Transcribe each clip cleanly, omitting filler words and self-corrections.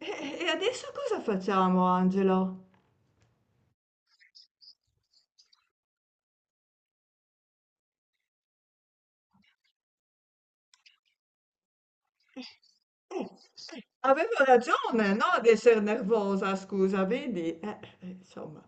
E e adesso cosa facciamo, Angelo? Avevo ragione, no, di essere nervosa, scusa, vedi? Insomma.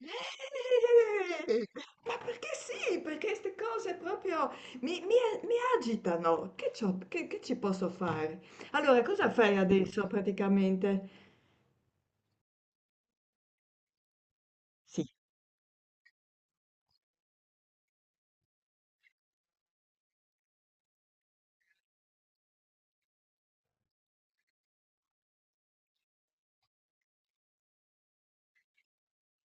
Eh, Ma perché sì? Perché queste cose proprio mi, mi- mi agitano. Che ci posso fare? Allora, cosa fai adesso praticamente? Sì.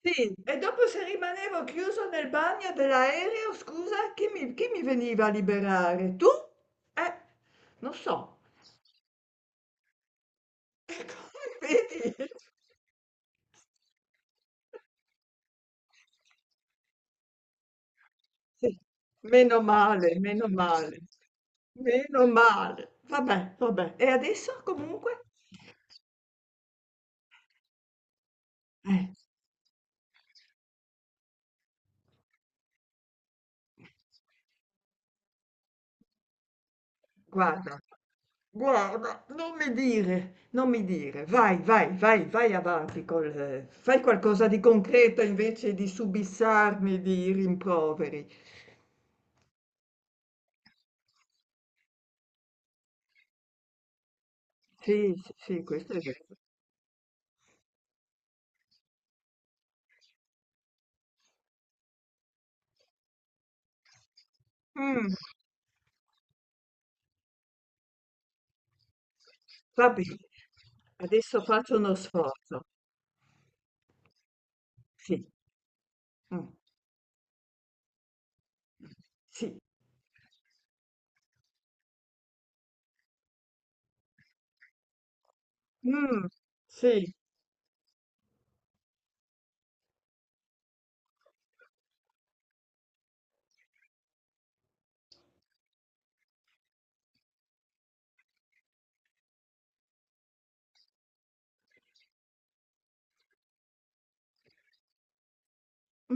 Sì, e dopo se rimanevo chiuso nel bagno dell'aereo, scusa, chi mi veniva a liberare? Tu? Eh, non so. Come vedi? Sì. Meno male, meno male, meno male. Vabbè, vabbè. E adesso comunque? Eh, guarda, guarda, non mi dire, non mi dire. Vai, vai, vai, vai avanti col... Fai qualcosa di concreto invece di subissarmi di rimproveri. Sì, sì, sì, questo è vero. Mm, va bene. Adesso faccio uno sforzo. Sì. Mm. Sì, mh, sì,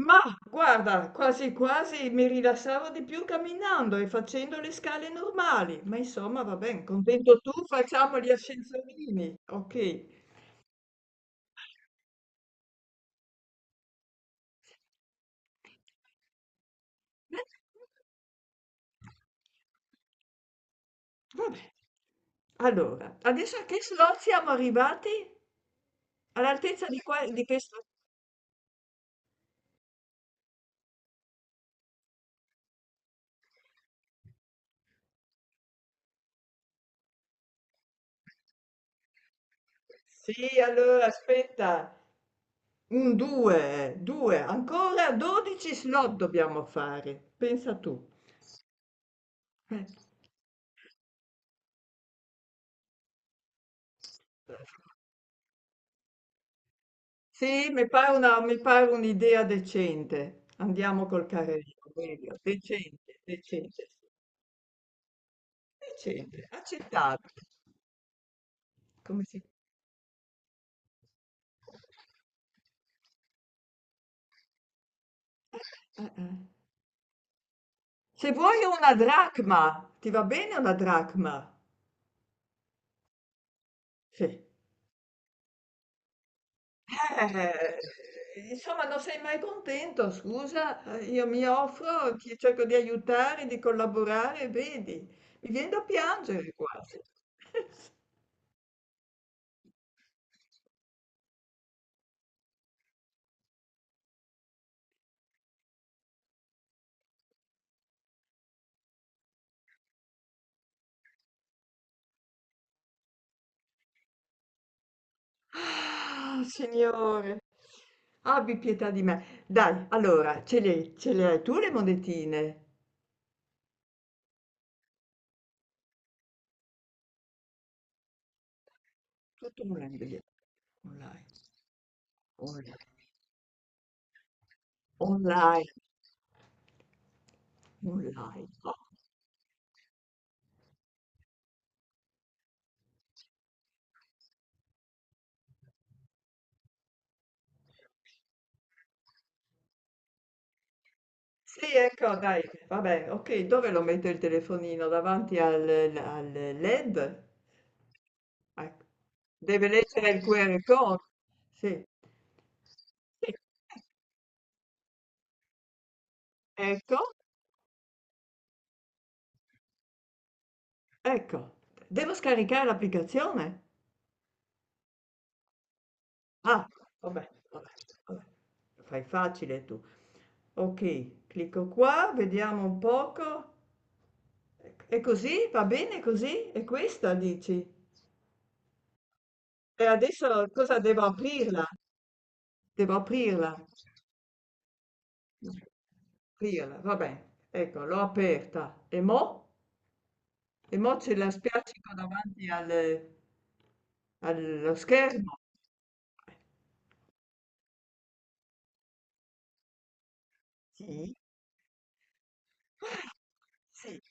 ma guarda, quasi quasi mi rilassavo di più camminando e facendo le scale normali, ma insomma va bene, contento tu, facciamo gli ascensorini, ok. Vabbè. Allora, adesso a che slot siamo arrivati? All'altezza di, qua, di che slot? Sì, allora aspetta, un 2, 2, ancora 12 slot dobbiamo fare, pensa tu. Eh. Sì, mi pare un'idea decente. Andiamo col Carello, meglio. Decente, decente, sì. Decente, accettabile. Come si... Eh, eh. Se vuoi una dracma, ti va bene una dracma? Sì. Insomma, non sei mai contento, scusa. Io mi offro, ti cerco di aiutare, di collaborare, vedi, mi viene da piangere quasi. Ah, Signore, abbi pietà di me. Dai, allora, ce le hai tu le monetine? Tutto online, vedi? Online, online, online, online. Oh, sì, ecco, dai, vabbè, ok, dove lo metto il telefonino? Al LED? Ecco. Deve leggere il QR code. Sì. Sì. Ecco, ecco. Devo scaricare l'applicazione? Ah, vabbè, vabbè, vabbè. Lo fai facile tu. Ok, clicco qua, vediamo un poco. E così? Va bene così? E questa dici? E adesso cosa devo aprirla? Devo aprirla. Aprirla, vabbè. Ecco, l'ho aperta. E mo? E mo ce la spiaccico davanti al- allo schermo. Sì. Sì,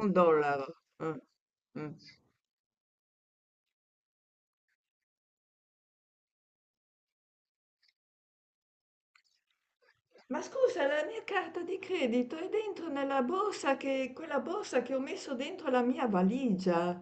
un dollaro. Mm, mm. Ma scusa, la mia carta di credito è dentro nella borsa, che, quella borsa che ho messo dentro la mia valigia.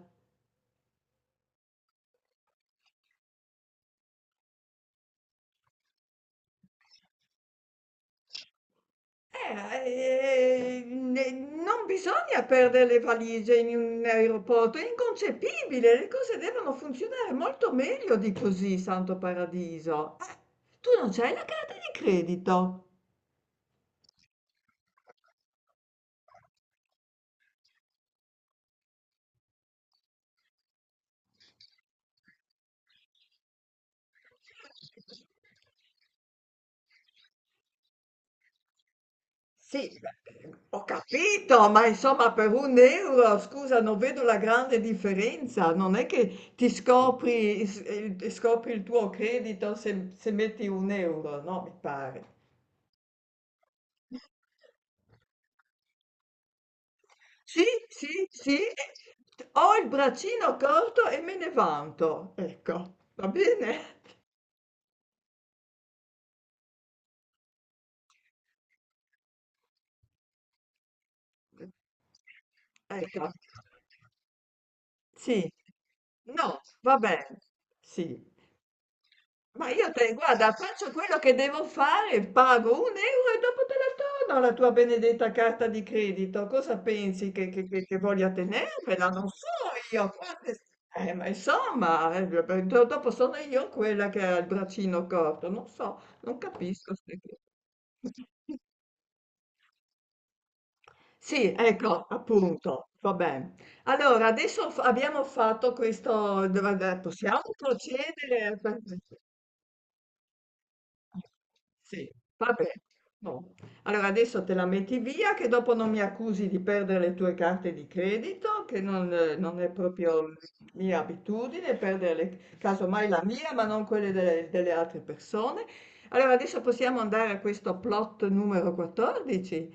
Non bisogna perdere le valigie in un aeroporto, è inconcepibile, le cose devono funzionare molto meglio di così, santo paradiso. Tu non c'hai la carta di credito? Sì, beh, ho capito, ma insomma per un euro, scusa, non vedo la grande differenza. Non è che ti scopri, s- il- scopri il tuo credito se, se metti un euro, no? Mi pare. Sì, sì, sì, ho il braccino corto e me ne vanto. Ecco, va bene? Ecco, sì. No, va bene. Sì. Ma io te, guarda, faccio quello che devo fare, pago un euro e dopo te la torno la tua benedetta carta di credito. Cosa pensi, che voglia tenermela? Non so io. Quante... ma insomma, beh, dopo sono io quella che ha il braccino corto. Non so, non capisco queste cose. Sì, ecco, appunto, va bene. Allora, adesso abbiamo fatto questo, possiamo procedere? Sì, vabbè. No. Allora adesso te la metti via, che dopo non mi accusi di perdere le tue carte di credito, che non, non è proprio mia abitudine perdere le, casomai la mia, ma non quelle delle, delle altre persone. Allora adesso possiamo andare a questo plot numero 14.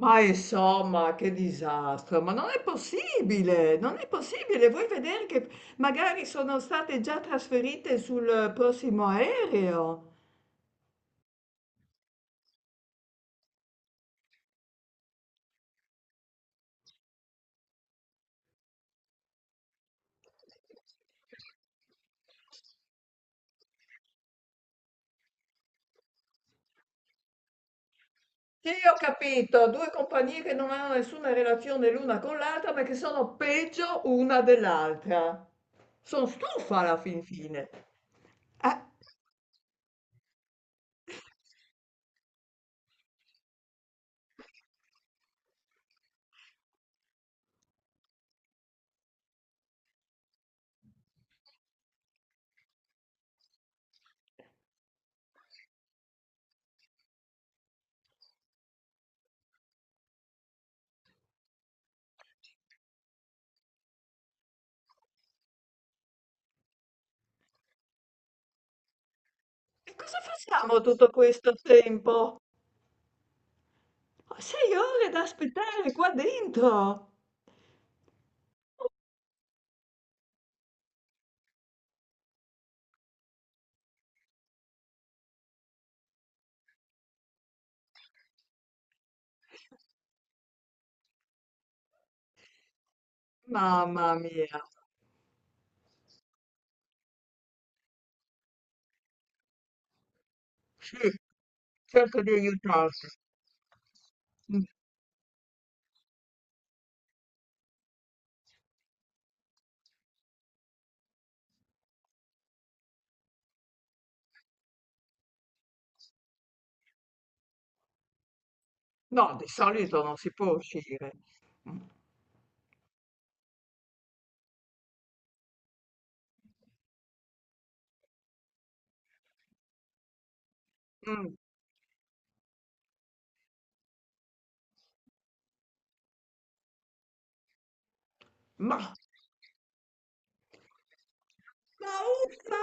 Ma insomma, che disastro, ma non è possibile, non è possibile. Vuoi vedere che magari sono state già trasferite sul prossimo aereo? Sì, ho capito, 2 compagnie che non hanno nessuna relazione l'una con l'altra, ma che sono peggio una dell'altra. Sono stufa alla fin fine. Eh, e cosa facciamo tutto questo tempo? 6 ore da aspettare qua dentro. Mamma mia. Sì, cerco di aiutarti. Mm. No, di solito non si può uscire. Mm. Mm. Ma Ma uffa!